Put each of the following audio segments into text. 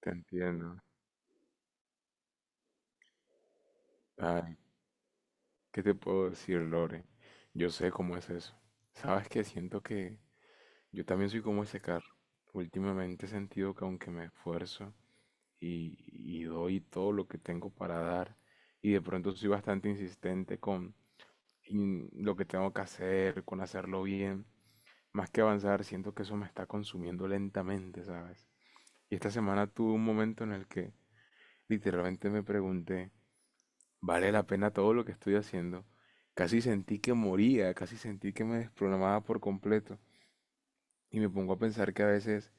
Te entiendo. Ay, ¿qué te puedo decir, Lore? Yo sé cómo es eso. Sabes que siento que yo también soy como ese carro. Últimamente he sentido que aunque me esfuerzo y doy todo lo que tengo para dar, y de pronto soy bastante insistente con lo que tengo que hacer, con hacerlo bien, más que avanzar, siento que eso me está consumiendo lentamente, ¿sabes? Y esta semana tuve un momento en el que literalmente me pregunté, ¿vale la pena todo lo que estoy haciendo? Casi sentí que moría, casi sentí que me desprogramaba por completo. Y me pongo a pensar que a veces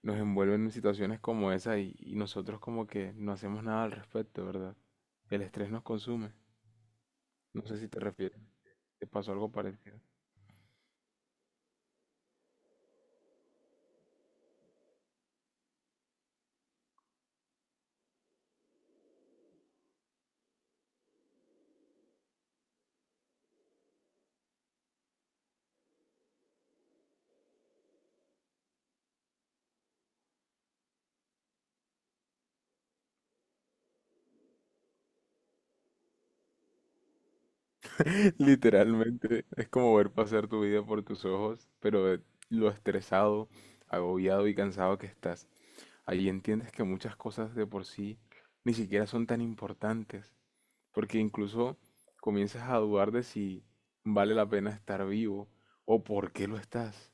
nos envuelven en situaciones como esa y nosotros como que no hacemos nada al respecto, ¿verdad? El estrés nos consume. No sé si te refieres, te pasó algo parecido. Literalmente es como ver pasar tu vida por tus ojos, pero de lo estresado, agobiado y cansado que estás. Ahí entiendes que muchas cosas de por sí ni siquiera son tan importantes, porque incluso comienzas a dudar de si vale la pena estar vivo, o por qué lo estás,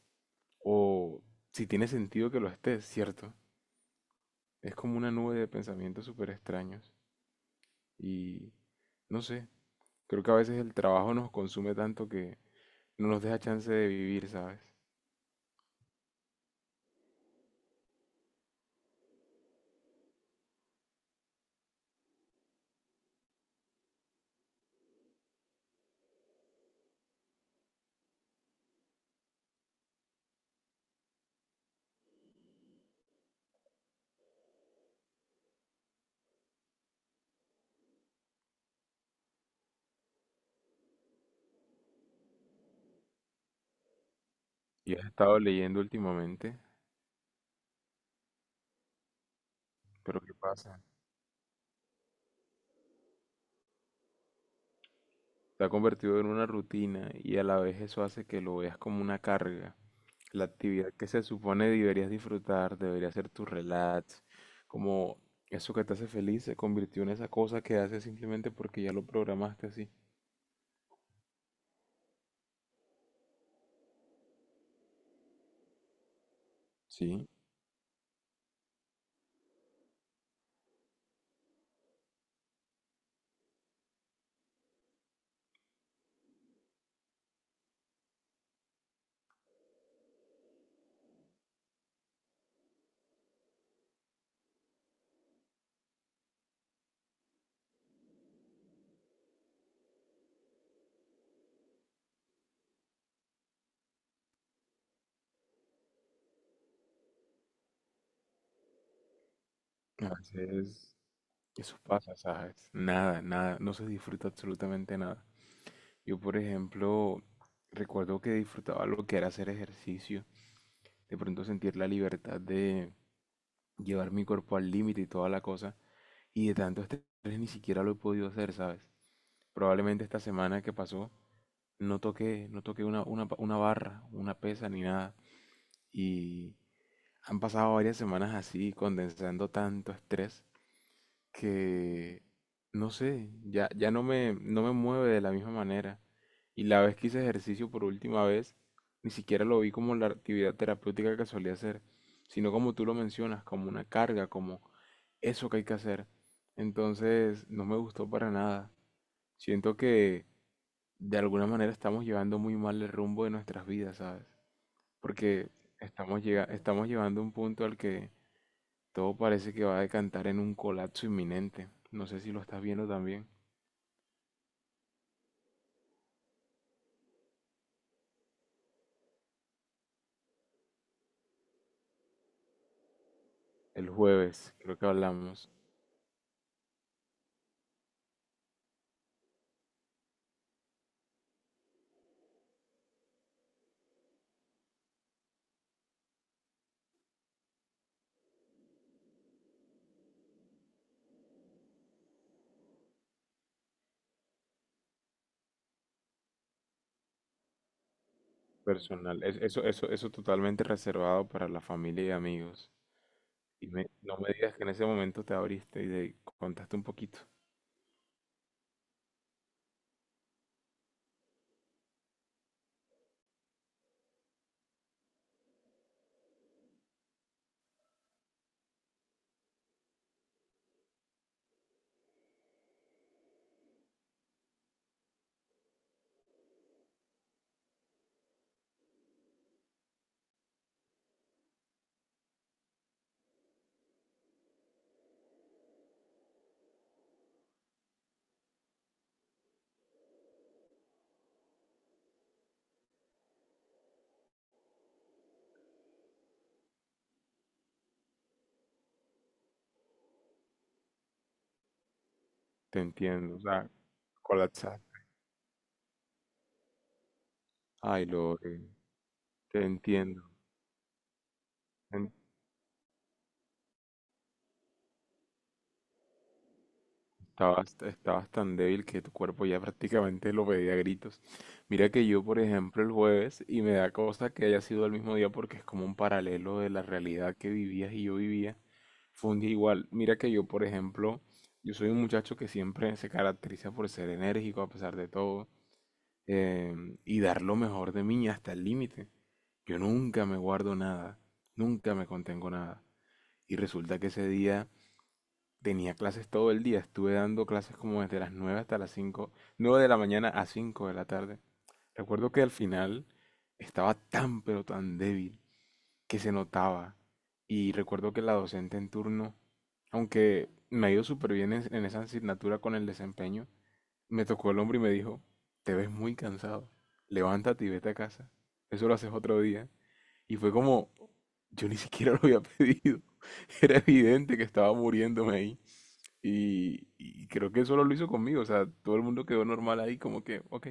o si tiene sentido que lo estés, ¿cierto? Es como una nube de pensamientos súper extraños y no sé, creo que a veces el trabajo nos consume tanto que no nos deja chance de vivir, ¿sabes? ¿Y has estado leyendo últimamente? Pero ¿qué pasa? Se ha convertido en una rutina y a la vez eso hace que lo veas como una carga. La actividad que se supone deberías disfrutar, debería ser tu relax, como eso que te hace feliz se convirtió en esa cosa que haces simplemente porque ya lo programaste así. Sí, a veces eso pasa, ¿sabes? Nada, nada, no se disfruta absolutamente nada. Yo, por ejemplo, recuerdo que disfrutaba lo que era hacer ejercicio, de pronto sentir la libertad de llevar mi cuerpo al límite y toda la cosa, y de tanto estrés ni siquiera lo he podido hacer, ¿sabes? Probablemente esta semana que pasó no toqué una barra, una pesa ni nada. Y han pasado varias semanas así, condensando tanto estrés que, no sé, ya no me mueve de la misma manera. Y la vez que hice ejercicio por última vez, ni siquiera lo vi como la actividad terapéutica que solía hacer, sino como tú lo mencionas, como una carga, como eso que hay que hacer. Entonces, no me gustó para nada. Siento que de alguna manera estamos llevando muy mal el rumbo de nuestras vidas, ¿sabes? Porque estamos llevando un punto al que todo parece que va a decantar en un colapso inminente. No sé si lo estás viendo también. El jueves, creo que hablamos personal. Eso, eso, eso totalmente reservado para la familia y amigos. No me digas que en ese momento te abriste y te contaste un poquito. Te entiendo, o sea, colapsar. Ay, Lore, te entiendo. Estabas tan débil que tu cuerpo ya prácticamente lo pedía a gritos. Mira que yo, por ejemplo, el jueves, y me da cosa que haya sido el mismo día porque es como un paralelo de la realidad que vivías y yo vivía, fue un día igual. Mira que yo, por ejemplo, yo soy un muchacho que siempre se caracteriza por ser enérgico a pesar de todo, y dar lo mejor de mí hasta el límite. Yo nunca me guardo nada, nunca me contengo nada. Y resulta que ese día... Tenía clases todo el día, estuve dando clases como desde las 9 hasta las 5, 9 de la mañana a 5 de la tarde. Recuerdo que al final estaba tan pero tan débil que se notaba. Y recuerdo que la docente en turno, aunque me ha ido súper bien en esa asignatura con el desempeño, me tocó el hombro y me dijo, te ves muy cansado, levántate y vete a casa, eso lo haces otro día. Y fue como, yo ni siquiera lo había pedido, era evidente que estaba muriéndome ahí. Y creo que solo lo hizo conmigo, o sea, todo el mundo quedó normal ahí, como que, ok.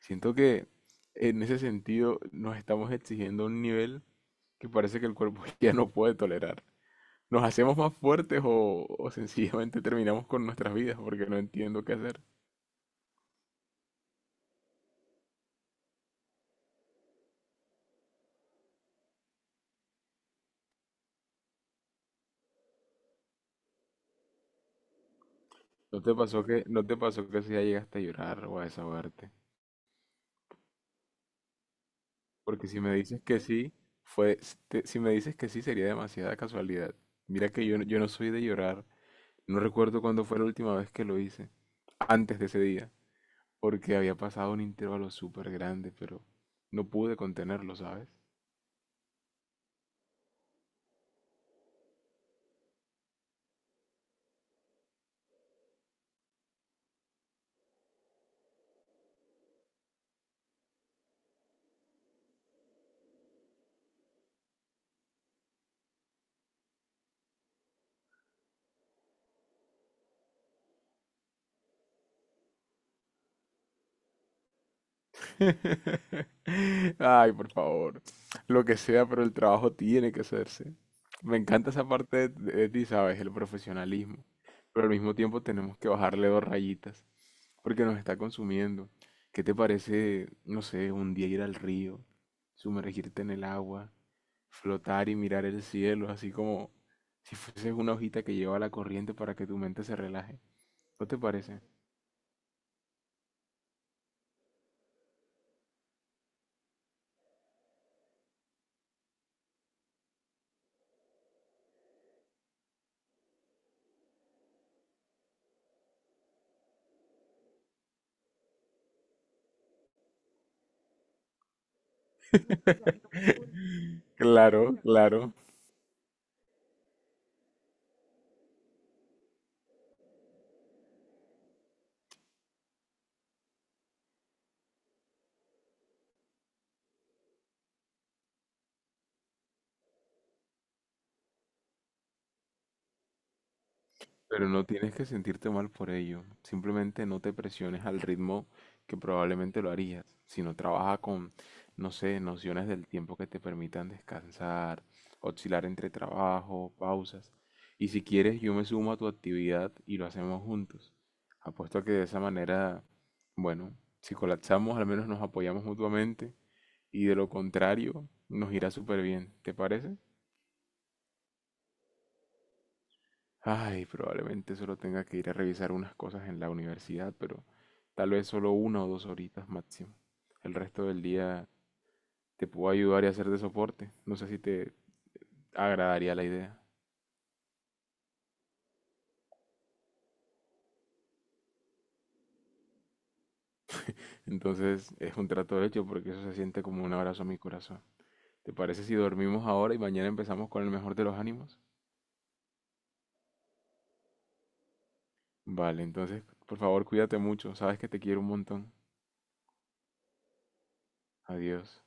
Siento que en ese sentido nos estamos exigiendo un nivel que parece que el cuerpo ya no puede tolerar. ¿Nos hacemos más fuertes o sencillamente terminamos con nuestras vidas porque no entiendo qué hacer? ¿No te pasó que, no te pasó que si ya llegaste a llorar o a desahogarte? Porque si me dices que sí, fue, si me dices que sí sería demasiada casualidad. Mira que yo, yo no soy de llorar. No recuerdo cuándo fue la última vez que lo hice antes de ese día, porque había pasado un intervalo súper grande, pero no pude contenerlo, ¿sabes? Ay, por favor, lo que sea, pero el trabajo tiene que hacerse. Me encanta esa parte de ti, ¿sabes? El profesionalismo, pero al mismo tiempo tenemos que bajarle dos rayitas porque nos está consumiendo. ¿Qué te parece, no sé, un día ir al río, sumergirte en el agua, flotar y mirar el cielo, así como si fueses una hojita que lleva la corriente para que tu mente se relaje? ¿No te parece? Claro, claro. Pero no tienes que sentirte mal por ello. Simplemente no te presiones al ritmo que probablemente lo harías, sino trabaja con, no sé, nociones del tiempo que te permitan descansar, oscilar entre trabajo, pausas. Y si quieres, yo me sumo a tu actividad y lo hacemos juntos. Apuesto a que de esa manera, bueno, si colapsamos, al menos nos apoyamos mutuamente y de lo contrario, nos irá súper bien. ¿Te parece? Ay, probablemente solo tenga que ir a revisar unas cosas en la universidad, pero tal vez solo una o dos horitas máximo. El resto del día te puedo ayudar y hacer de soporte. No sé si te agradaría la idea. Entonces es un trato hecho porque eso se siente como un abrazo a mi corazón. ¿Te parece si dormimos ahora y mañana empezamos con el mejor de los ánimos? Vale, entonces por favor cuídate mucho. Sabes que te quiero un montón. Adiós.